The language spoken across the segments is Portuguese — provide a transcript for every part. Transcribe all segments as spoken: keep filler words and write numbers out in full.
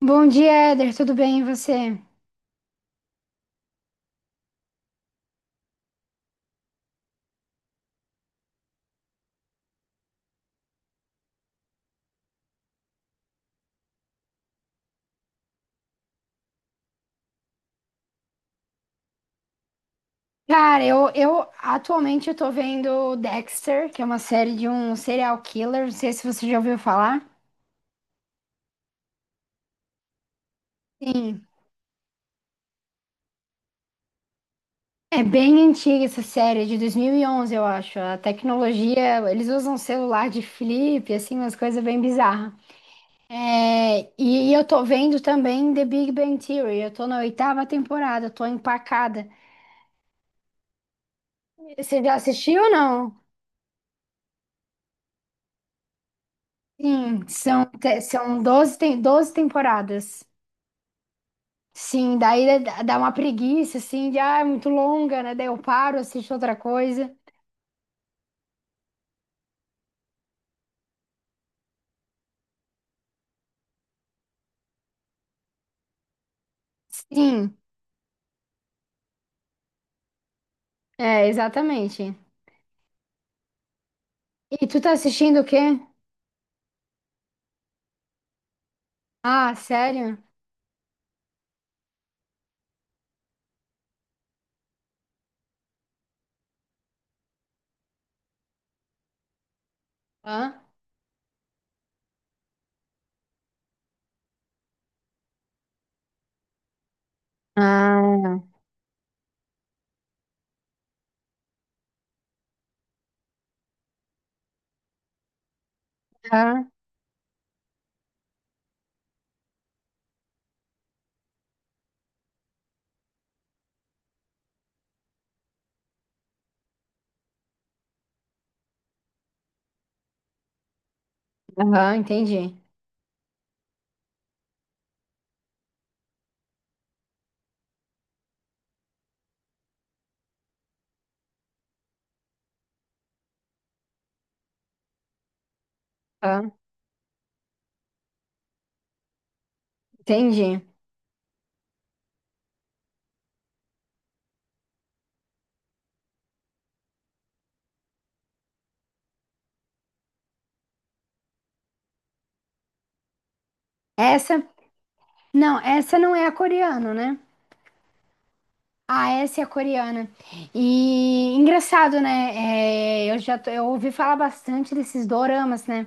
Bom dia, Éder. Tudo bem e você? Cara, eu, eu atualmente eu tô vendo Dexter, que é uma série de um serial killer. Não sei se você já ouviu falar. Sim. É bem antiga essa série, é de dois mil e onze eu acho. A tecnologia, eles usam celular de flip, assim, umas coisas bem bizarras. É, e, e eu tô vendo também The Big Bang Theory. Eu tô na oitava temporada, tô empacada. Você já assistiu ou não? Sim, são, te- são doze tem doze temporadas. Sim, daí dá dá uma preguiça, assim, de, ah, é muito longa, né? Daí eu paro, assisto outra coisa. Sim, é, exatamente. E tu tá assistindo o quê? Ah, sério? Hã? Ah, ah aham, entendi. ah Entendi. Essa, não, essa não é a coreana, né? Ah, essa é a coreana. E engraçado, né? É, eu já tô- eu ouvi falar bastante desses doramas, né?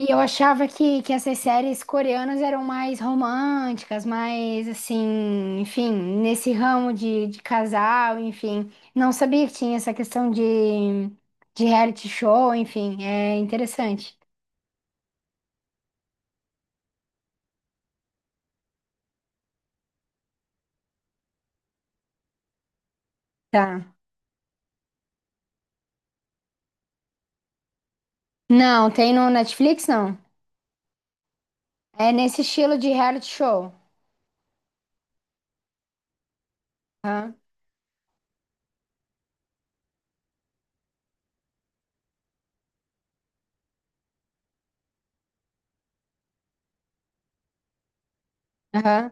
E eu achava que, que essas séries coreanas eram mais românticas, mais assim, enfim, nesse ramo de, de casal, enfim. Não sabia que tinha essa questão de, de reality show, enfim, é interessante. Tá. Não, tem no Netflix, não. É nesse estilo de reality show. Aham, aham,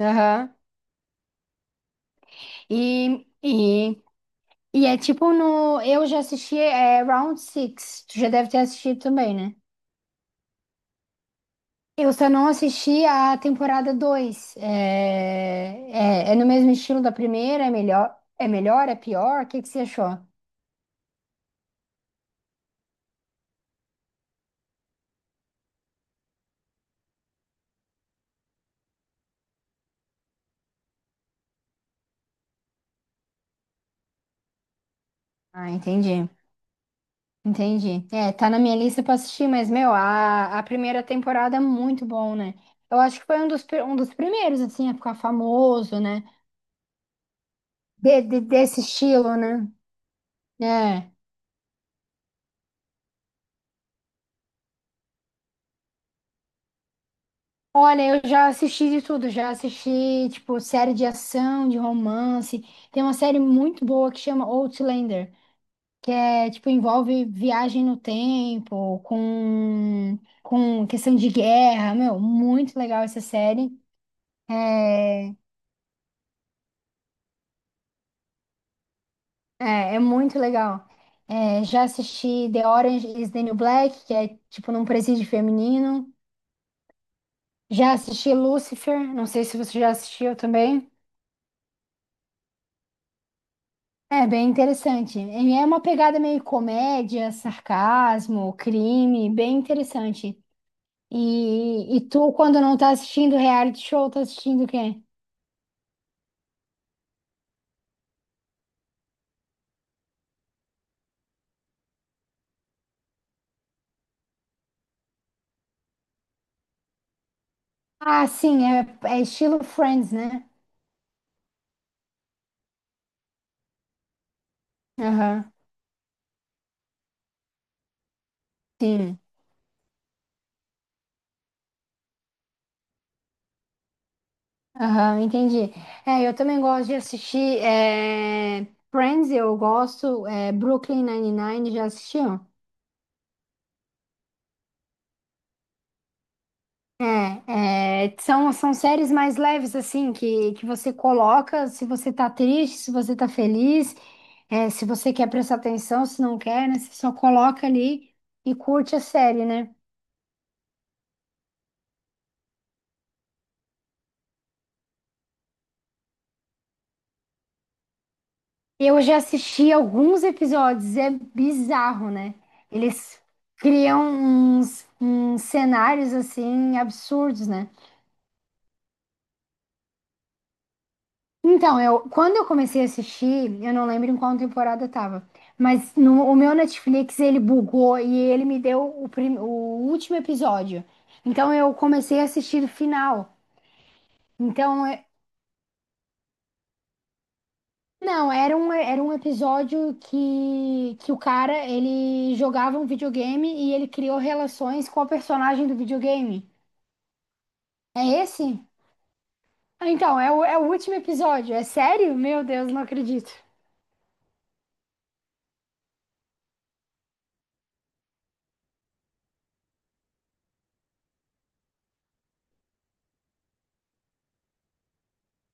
aham. E, e, e é tipo no. Eu já assisti é, Round Six. Tu já deve ter assistido também, né? Eu só não assisti a temporada dois. É, é, é no mesmo estilo da primeira? É melhor? É melhor? É pior? O que que você achou? Ah, entendi. Entendi. É, tá na minha lista pra assistir, mas, meu, a, a primeira temporada é muito bom, né? Eu acho que foi um dos, pri- um dos primeiros, assim, a ficar famoso, né? De- de- desse estilo, né? É. Olha, eu já assisti de tudo. Já assisti, tipo, série de ação, de romance. Tem uma série muito boa que chama Outlander, que é, tipo, envolve viagem no tempo, com, com questão de guerra, meu, muito legal essa série. É, é, é muito legal. É, já assisti The Orange is the New Black, que é, tipo, num presídio feminino. Já assisti Lucifer, não sei se você já assistiu também. É bem interessante. E é uma pegada meio comédia, sarcasmo, crime, bem interessante. E, e tu, quando não tá assistindo reality show, tá assistindo o quê? Ah, sim, é, é estilo Friends, né? Aham, sim. Aham, entendi. É, eu também gosto de assistir é, Friends, eu gosto, é, Brooklyn Nine-Nine, já assistiu? É, é, são, são séries mais leves, assim, que, que você coloca se você tá triste, se você tá feliz, é, se você quer prestar atenção, se não quer, né? Você só coloca ali e curte a série, né? Eu já assisti alguns episódios, é bizarro, né? Eles criam uns, uns cenários assim absurdos, né? Então, eu quando eu comecei a assistir, eu não lembro em qual temporada eu tava, mas no, o meu Netflix ele bugou e ele me deu o, prim- o último episódio. Então eu comecei a assistir o final. Então, não, era um, era um episódio que, que o cara, ele jogava um videogame e ele criou relações com a personagem do videogame. É esse? Ah, então, é o, é o último episódio. É sério? Meu Deus, não acredito.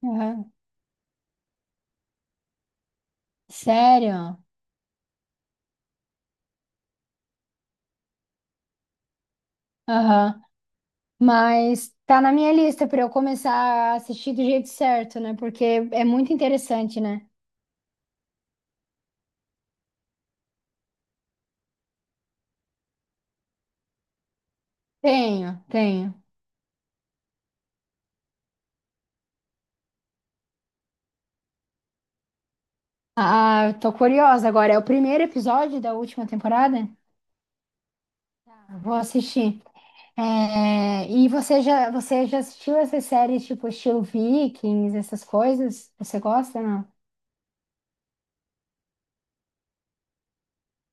Aham. Sério? Aham. Mas tá na minha lista pra eu começar a assistir do jeito certo, né? Porque é muito interessante, né? Tenho, tenho. Ah, eu tô curiosa agora. É o primeiro episódio da última temporada? Tá. Vou assistir. É, e você já, você já assistiu essas séries tipo estilo Vikings, essas coisas? Você gosta, não?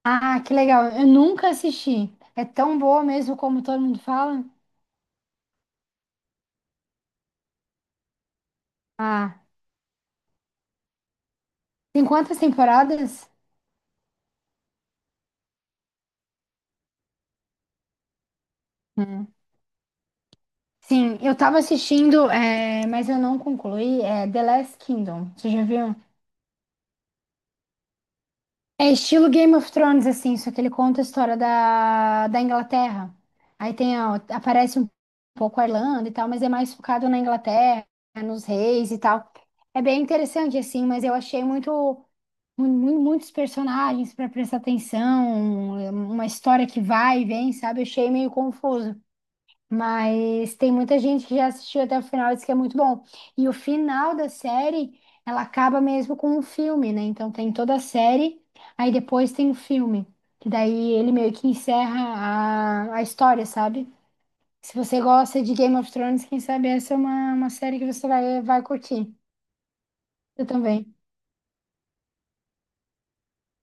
Ah, que legal. Eu nunca assisti. É tão boa mesmo como todo mundo fala? Ah, tem quantas temporadas? Hum. Sim, eu tava assistindo, é, mas eu não concluí. É The Last Kingdom. Você já viu? É estilo Game of Thrones, assim, só que ele conta a história da, da Inglaterra. Aí tem, ó, aparece um pouco a Irlanda e tal, mas é mais focado na Inglaterra, nos reis e tal. É bem interessante, assim, mas eu achei muito, mu- mu- muitos personagens para prestar atenção, uma história que vai e vem, sabe? Eu achei meio confuso. Mas tem muita gente que já assistiu até o final e diz que é muito bom. E o final da série, ela acaba mesmo com um filme, né? Então tem toda a série, aí depois tem o filme. Que daí ele meio que encerra a, a história, sabe? Se você gosta de Game of Thrones, quem sabe essa é uma, uma série que você vai, vai curtir. Eu também.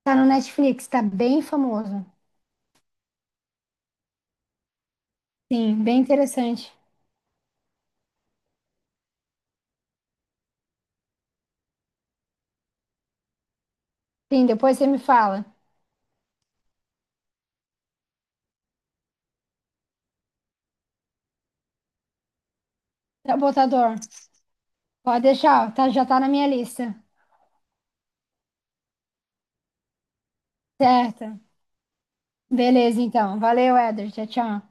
Tá no Netflix, tá bem famoso. Sim, bem interessante. Sim, depois você me fala. Sabotador. Pode deixar, ó, tá, já tá na minha lista. Certo. Beleza, então. Valeu, Éder. Tchau, tchau.